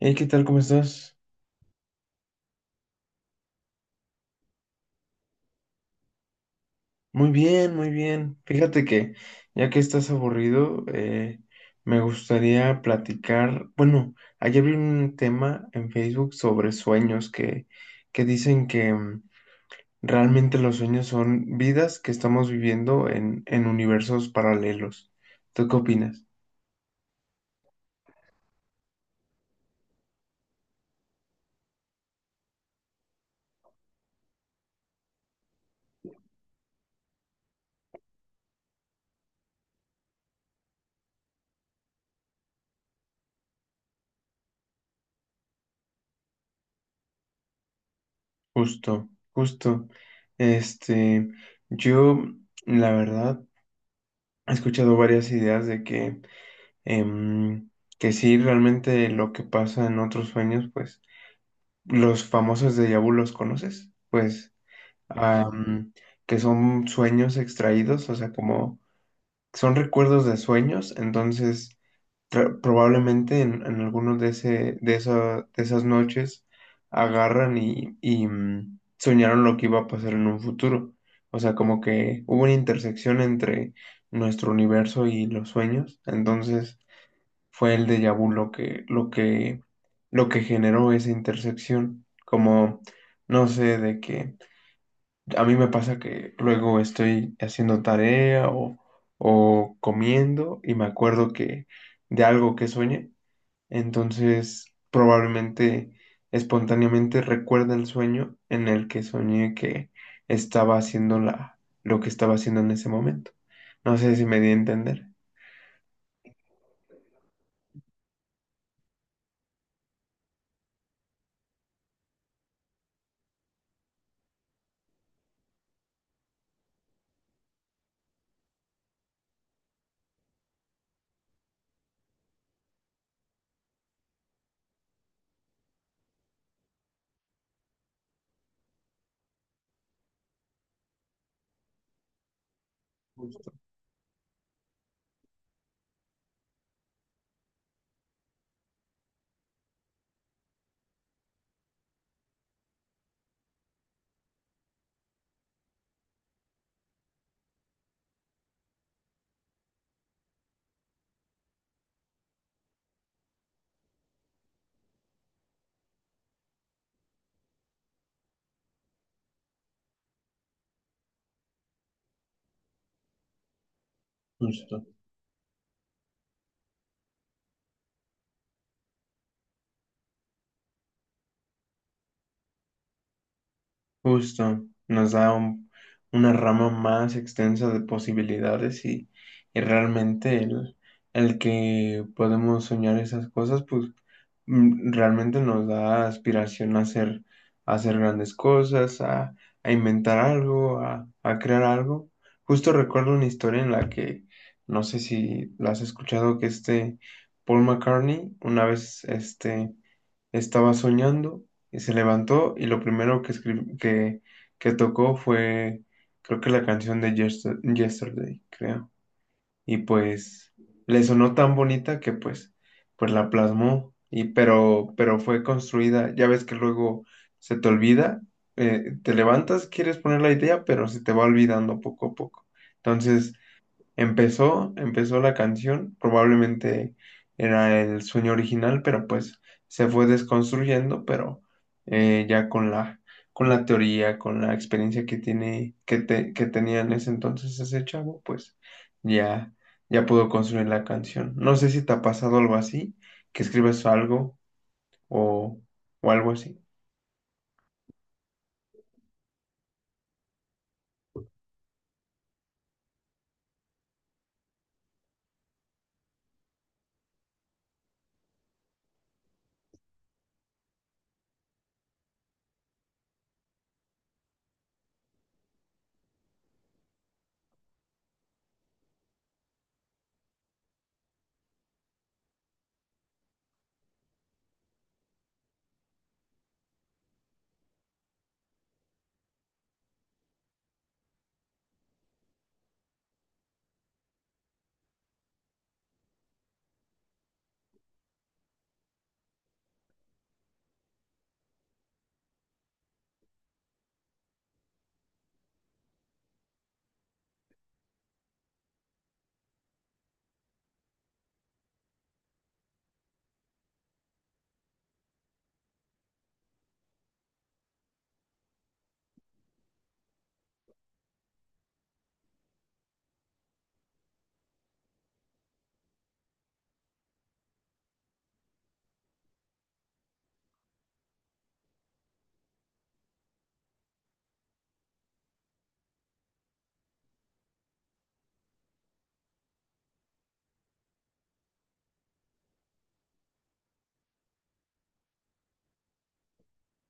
Hey, ¿qué tal? ¿Cómo estás? Muy bien, muy bien. Fíjate que ya que estás aburrido, me gustaría platicar. Bueno, ayer vi un tema en Facebook sobre sueños que dicen que realmente los sueños son vidas que estamos viviendo en universos paralelos. ¿Tú qué opinas? Justo, justo. Este, yo, la verdad, he escuchado varias ideas de que em, que sí, realmente lo que pasa en otros sueños, pues los famosos de vu los conoces, pues am, que son sueños extraídos, o sea, como son recuerdos de sueños, entonces probablemente en alguno de esas noches agarran y soñaron lo que iba a pasar en un futuro. O sea, como que hubo una intersección entre nuestro universo y los sueños. Entonces, fue el déjà vu lo que generó esa intersección. Como, no sé, de que a mí me pasa que luego estoy haciendo tarea o comiendo y me acuerdo que de algo que soñé, entonces probablemente espontáneamente recuerda el sueño en el que soñé que estaba haciendo lo que estaba haciendo en ese momento. No sé si me di a entender. Justo. Justo. Justo, una rama más extensa de posibilidades y realmente el que podemos soñar esas cosas, pues realmente nos da aspiración a hacer grandes cosas, a inventar algo, a crear algo. Justo recuerdo una historia en la que, no sé si la has escuchado, que Paul McCartney una vez, estaba soñando y se levantó y lo primero que tocó fue, creo que la canción de Yesterday, creo. Y pues le sonó tan bonita que pues, pues la plasmó, y, pero fue construida. Ya ves que luego se te olvida, te levantas, quieres poner la idea, pero se te va olvidando poco a poco. Entonces... Empezó la canción, probablemente era el sueño original, pero pues se fue desconstruyendo, pero ya con la teoría, con la experiencia que tiene, que tenía en ese entonces ese chavo, pues ya, ya pudo construir la canción. No sé si te ha pasado algo así, que escribes algo o, o algo así.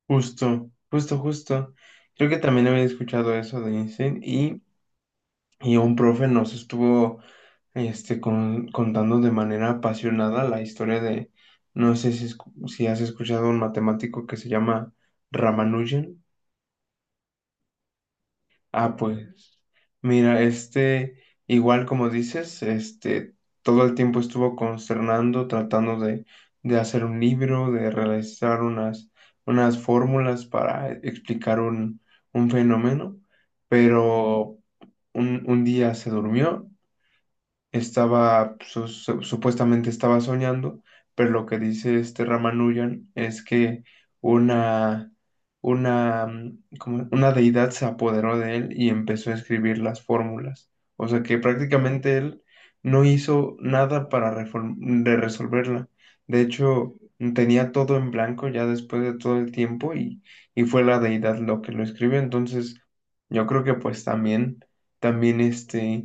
Justo, justo, justo. Creo que también había escuchado eso de Einstein y un profe nos estuvo contando de manera apasionada la historia de, no sé si has escuchado un matemático que se llama Ramanujan. Ah, pues mira, igual como dices, todo el tiempo estuvo consternando, tratando de hacer un libro, de realizar unas fórmulas para explicar un fenómeno, pero un día se durmió, estaba, supuestamente estaba soñando, pero lo que dice este Ramanujan es que una, como una deidad se apoderó de él y empezó a escribir las fórmulas. O sea que prácticamente él no hizo nada para de resolverla. De hecho, tenía todo en blanco ya después de todo el tiempo y fue la deidad lo que lo escribió. Entonces, yo creo que pues también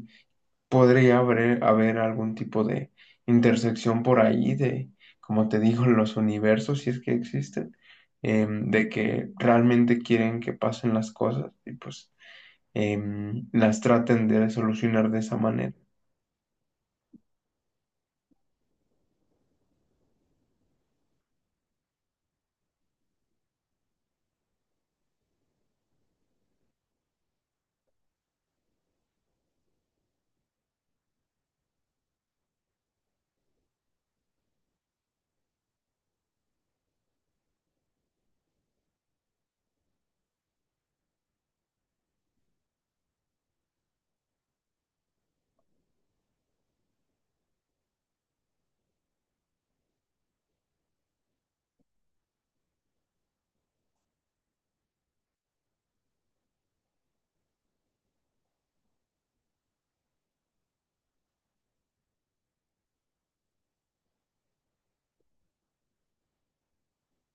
podría haber algún tipo de intersección por ahí de, como te digo, los universos, si es que existen, de que realmente quieren que pasen las cosas y pues las traten de solucionar de esa manera.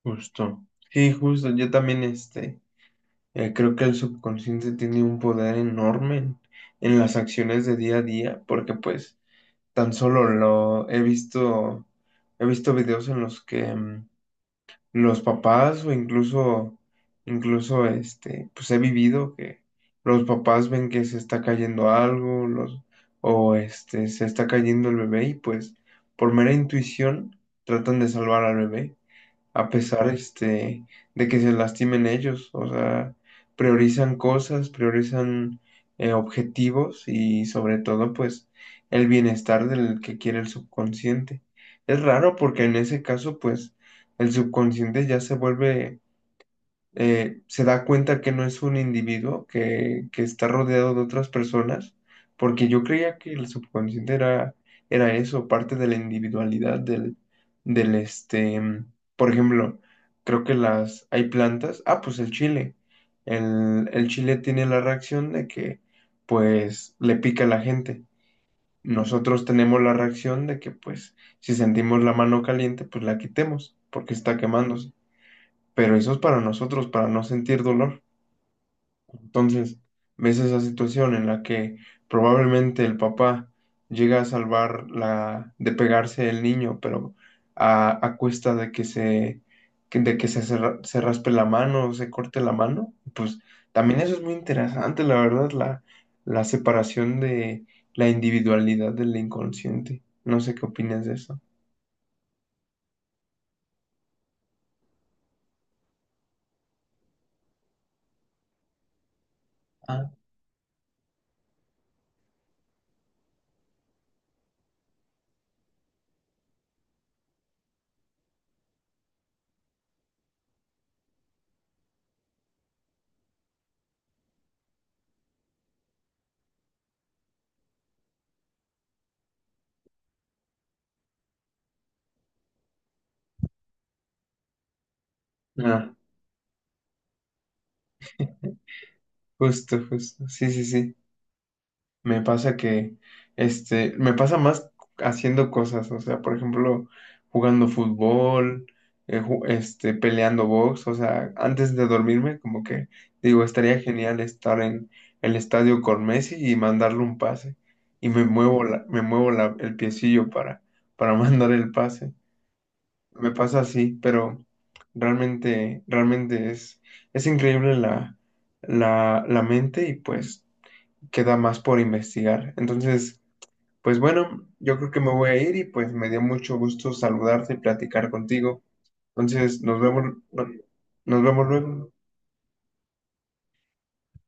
Justo. Sí, justo. Yo también creo que el subconsciente tiene un poder enorme en las acciones de día a día, porque pues tan solo lo he visto videos en los que... los papás o incluso, incluso pues he vivido que los papás ven que se está cayendo algo, se está cayendo el bebé y pues por mera intuición tratan de salvar al bebé a pesar de que se lastimen ellos. O sea, priorizan cosas, priorizan objetivos y sobre todo pues el bienestar del que quiere el subconsciente. Es raro porque en ese caso pues el subconsciente ya se vuelve se da cuenta que no es un individuo, que está rodeado de otras personas, porque yo creía que el subconsciente era, era eso, parte de la individualidad del por ejemplo, creo que hay plantas, ah, pues el chile, el chile tiene la reacción de que, pues, le pica a la gente. Nosotros tenemos la reacción de que, pues, si sentimos la mano caliente, pues la quitemos, porque está quemándose, pero eso es para nosotros, para no sentir dolor. Entonces, ves esa situación en la que probablemente el papá llega a salvar la, de pegarse el niño, pero a cuesta de que se, que- de que se, ra- se raspe la mano o se corte la mano. Pues también eso es muy interesante, la verdad, la separación de la individualidad del inconsciente. No sé qué opinas de eso. Ah, Ah, justo, justo. Sí, sí, sí. Me pasa que, me pasa más haciendo cosas, o sea, por ejemplo, jugando fútbol, peleando box, o sea, antes de dormirme, como que digo, estaría genial estar en el estadio con Messi y mandarle un pase, y me muevo el piecillo para mandar el pase. Me pasa así, pero realmente es increíble la mente y pues queda más por investigar. Entonces, pues bueno, yo creo que me voy a ir y pues me dio mucho gusto saludarte y platicar contigo. Entonces, nos vemos luego.